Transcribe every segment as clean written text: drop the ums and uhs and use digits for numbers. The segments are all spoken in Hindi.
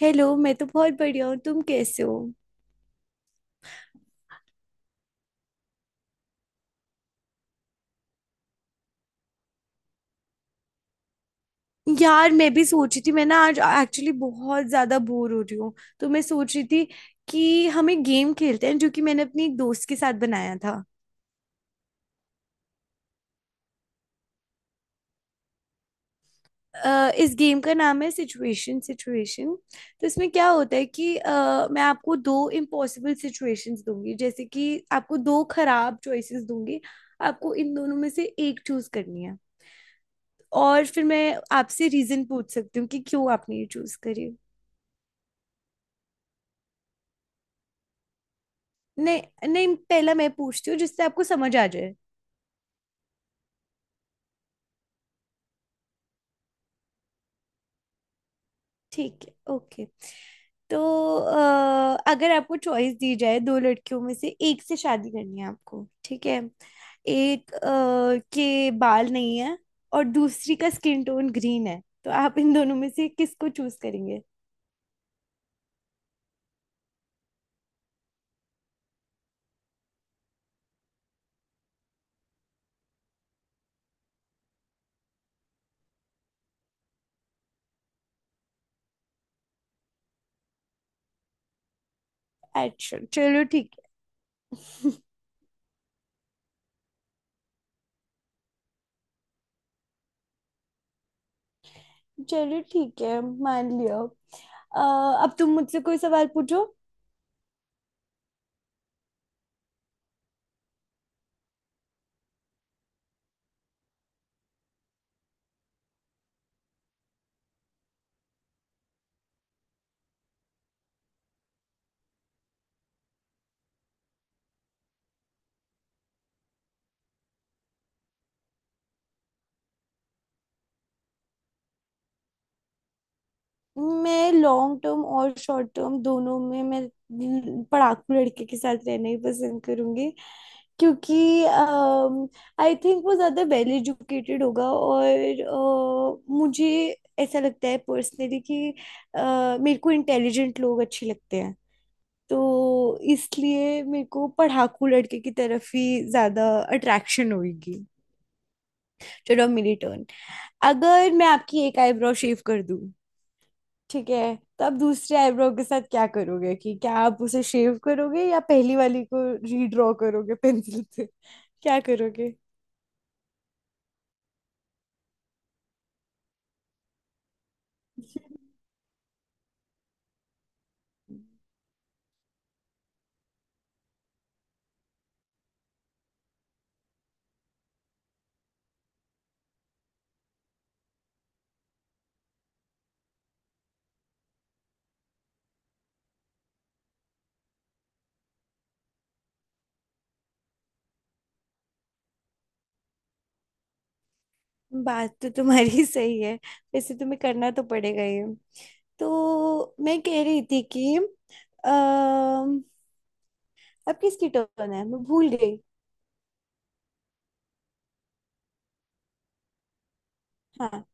हेलो। मैं तो बहुत बढ़िया हूँ, तुम कैसे हो? यार, मैं भी सोच रही थी। मैं ना आज एक्चुअली बहुत ज्यादा बोर हो रही हूँ, तो मैं सोच रही थी कि हम एक गेम खेलते हैं जो कि मैंने अपनी एक दोस्त के साथ बनाया था। इस गेम का नाम है सिचुएशन सिचुएशन। तो इसमें क्या होता है कि मैं आपको दो इम्पॉसिबल सिचुएशंस दूंगी, जैसे कि आपको दो खराब चॉइसेस दूंगी। आपको इन दोनों में से एक चूज करनी है, और फिर मैं आपसे रीजन पूछ सकती हूँ कि क्यों आपने ये चूज करी। नहीं नहीं, पहला मैं पूछती हूँ जिससे आपको समझ आ जाए। ठीक है, ओके। तो अगर आपको चॉइस दी जाए, दो लड़कियों में से एक से शादी करनी है आपको, ठीक है, एक के बाल नहीं है और दूसरी का स्किन टोन ग्रीन है, तो आप इन दोनों में से किसको चूज करेंगे? अच्छा, चलो ठीक है। चलो ठीक है, मान लिया। अब तुम मुझसे कोई सवाल पूछो। मैं लॉन्ग टर्म और शॉर्ट टर्म दोनों में, मैं पढ़ाकू लड़के के साथ रहना ही पसंद करूंगी। क्योंकि आई थिंक वो ज़्यादा वेल एजुकेटेड होगा, और मुझे ऐसा लगता है पर्सनली कि मेरे को इंटेलिजेंट लोग अच्छे लगते हैं। तो इसलिए मेरे को पढ़ाकू लड़के की तरफ ही ज़्यादा अट्रैक्शन होगी। चलो, अब मेरी टर्न। अगर मैं आपकी एक आईब्रो शेव कर दूं, ठीक है, तो आप दूसरे आईब्रो के साथ क्या करोगे? कि क्या आप उसे शेव करोगे, या पहली वाली को रीड्रॉ करोगे पेंसिल से? क्या करोगे? बात तो तुम्हारी सही है। वैसे तुम्हें करना तो पड़ेगा ये। तो मैं कह रही थी कि अम, अब किसकी टर्न है, मैं भूल गई। हाँ,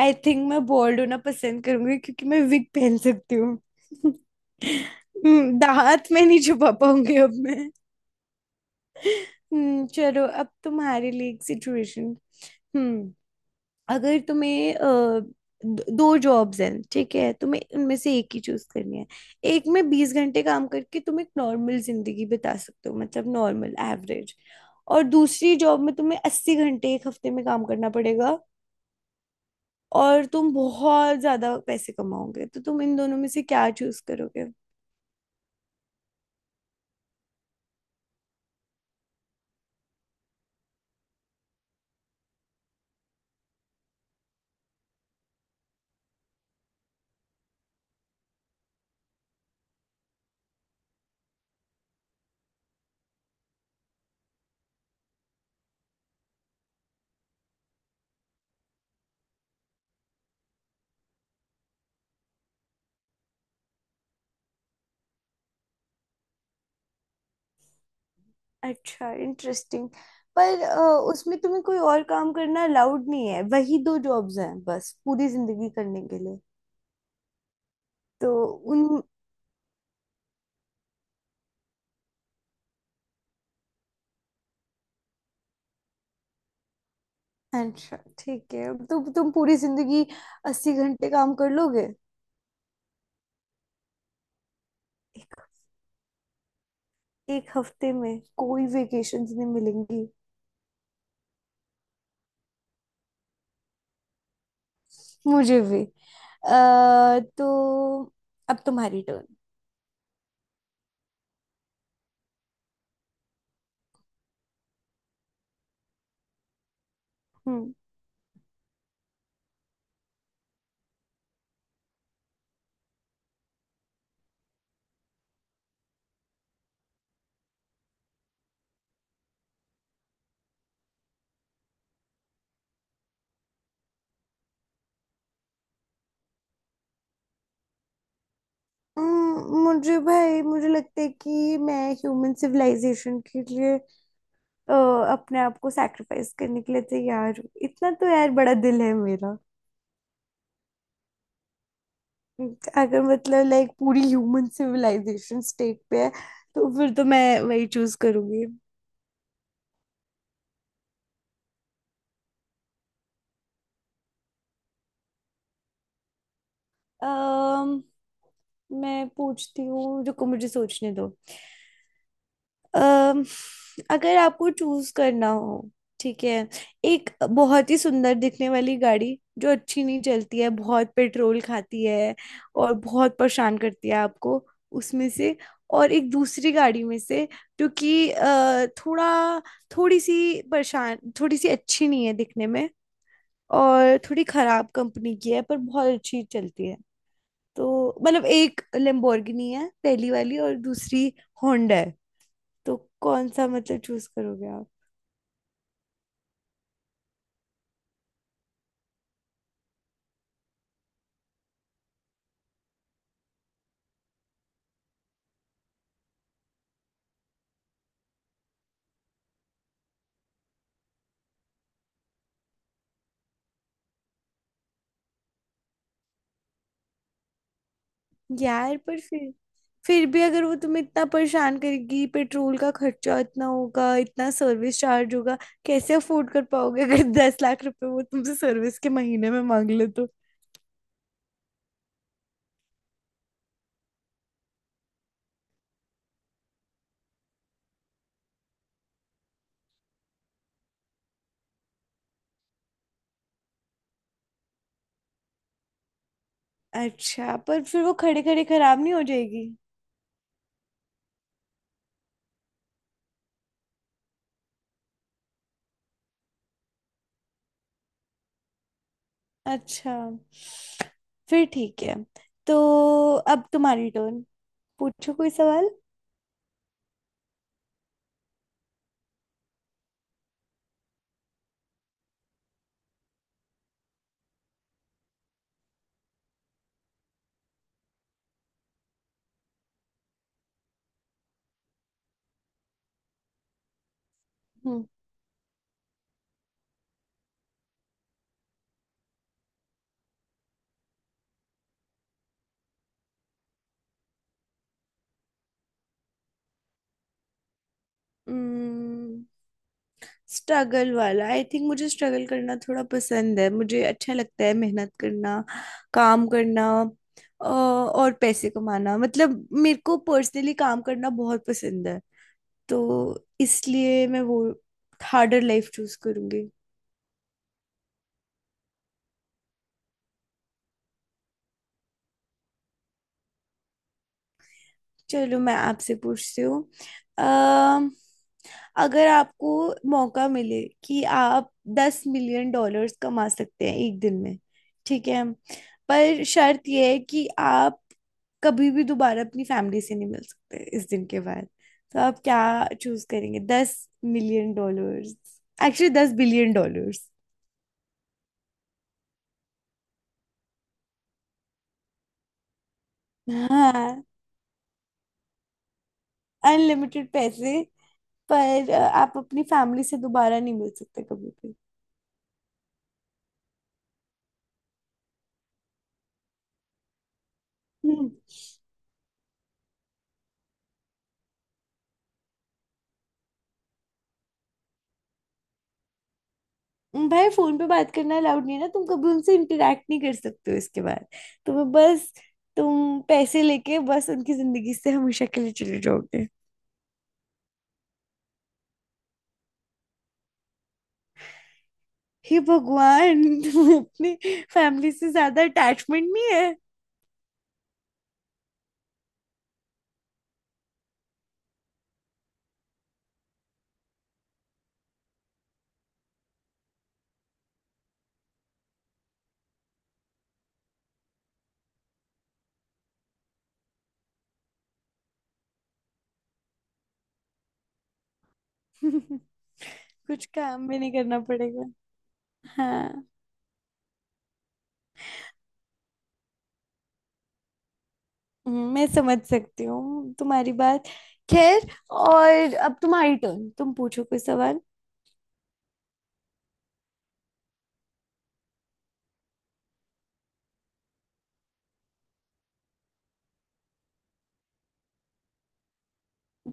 आई थिंक मैं बोल्ड होना पसंद करूंगी, क्योंकि मैं विग पहन सकती हूँ। दांत में नहीं छुपा पाऊंगी अब मैं। हम्म, चलो अब तुम्हारे लिए एक सिचुएशन। हम्म। अगर तुम्हें दो जॉब्स हैं, ठीक है, तुम्हें उनमें से एक ही चूज करनी है। एक में 20 घंटे काम करके तुम एक नॉर्मल जिंदगी बिता सकते हो, मतलब नॉर्मल एवरेज। और दूसरी जॉब में तुम्हें 80 घंटे एक हफ्ते में काम करना पड़ेगा, और तुम बहुत ज्यादा पैसे कमाओगे। तो तुम इन दोनों में से क्या चूज करोगे? अच्छा, इंटरेस्टिंग। पर उसमें तुम्हें कोई और काम करना अलाउड नहीं है, वही दो जॉब्स हैं बस पूरी जिंदगी करने के लिए। तो उन अच्छा, ठीक है। तो तुम पूरी जिंदगी 80 घंटे काम कर लोगे? एक, एक हफ्ते में कोई वेकेशंस नहीं मिलेंगी। मुझे भी। तो अब तुम्हारी टर्न। हम्म। मुझे, भाई मुझे लगता है कि मैं ह्यूमन सिविलाइजेशन के लिए अ, अपने आप को सैक्रिफाइस करने के लिए तैयार हूँ। इतना तो यार बड़ा दिल है मेरा। अगर मतलब लाइक पूरी ह्यूमन सिविलाइजेशन स्टेट पे है, तो फिर तो मैं वही चूज करूंगी। अम्म, मैं पूछती हूँ, रुको मुझे सोचने दो। अम, अगर आपको चूज करना हो, ठीक है, एक बहुत ही सुंदर दिखने वाली गाड़ी जो अच्छी नहीं चलती है, बहुत पेट्रोल खाती है और बहुत परेशान करती है आपको, उसमें से और एक दूसरी गाड़ी में से, जो कि अ, थोड़ा थोड़ी सी परेशान, थोड़ी सी अच्छी नहीं है दिखने में और थोड़ी खराब कंपनी की है, पर बहुत अच्छी चलती है। तो मतलब एक लेम्बोर्गिनी है पहली वाली और दूसरी होंडा है। तो कौन सा, मतलब, चूज करोगे आप? यार, पर फिर भी अगर वो तुम्हें इतना परेशान करेगी, पेट्रोल का खर्चा इतना होगा, इतना सर्विस चार्ज होगा, कैसे अफोर्ड कर पाओगे अगर 10 लाख रुपए वो तुमसे सर्विस के महीने में मांग ले तो? अच्छा, पर फिर वो खड़े खड़े खराब नहीं हो जाएगी? अच्छा, फिर ठीक है। तो अब तुम्हारी टर्न, पूछो कोई सवाल। हम्म। हम्म, स्ट्रगल वाला। आई थिंक मुझे स्ट्रगल करना थोड़ा पसंद है, मुझे अच्छा लगता है मेहनत करना, काम करना और पैसे कमाना। मतलब मेरे को पर्सनली काम करना बहुत पसंद है, तो इसलिए मैं वो हार्डर लाइफ चूज करूंगी। चलो मैं आपसे पूछती हूँ। अम, अगर आपको मौका मिले कि आप $10 million कमा सकते हैं एक दिन में, ठीक है, पर शर्त यह है कि आप कभी भी दोबारा अपनी फैमिली से नहीं मिल सकते इस दिन के बाद। तो आप क्या चूज करेंगे? $10 million, एक्चुअली $10 billion। हाँ, अनलिमिटेड पैसे। पर आप अपनी फैमिली से दोबारा नहीं मिल सकते कभी भी। हम्म। भाई, फोन पे बात करना अलाउड नहीं है ना, तुम कभी उनसे इंटरेक्ट नहीं कर सकते हो इसके बाद। तुम्हें बस, तुम पैसे लेके बस उनकी जिंदगी से हमेशा के लिए चले जाओगे। हे भगवान, तुम्हें अपनी फैमिली से ज्यादा अटैचमेंट नहीं है? कुछ काम भी नहीं करना पड़ेगा। हाँ। मैं समझ सकती हूँ तुम्हारी बात। खैर, और अब तुम्हारी टर्न, तुम पूछो कोई सवाल।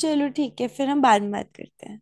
चलो ठीक है, फिर हम बाद में बात करते हैं।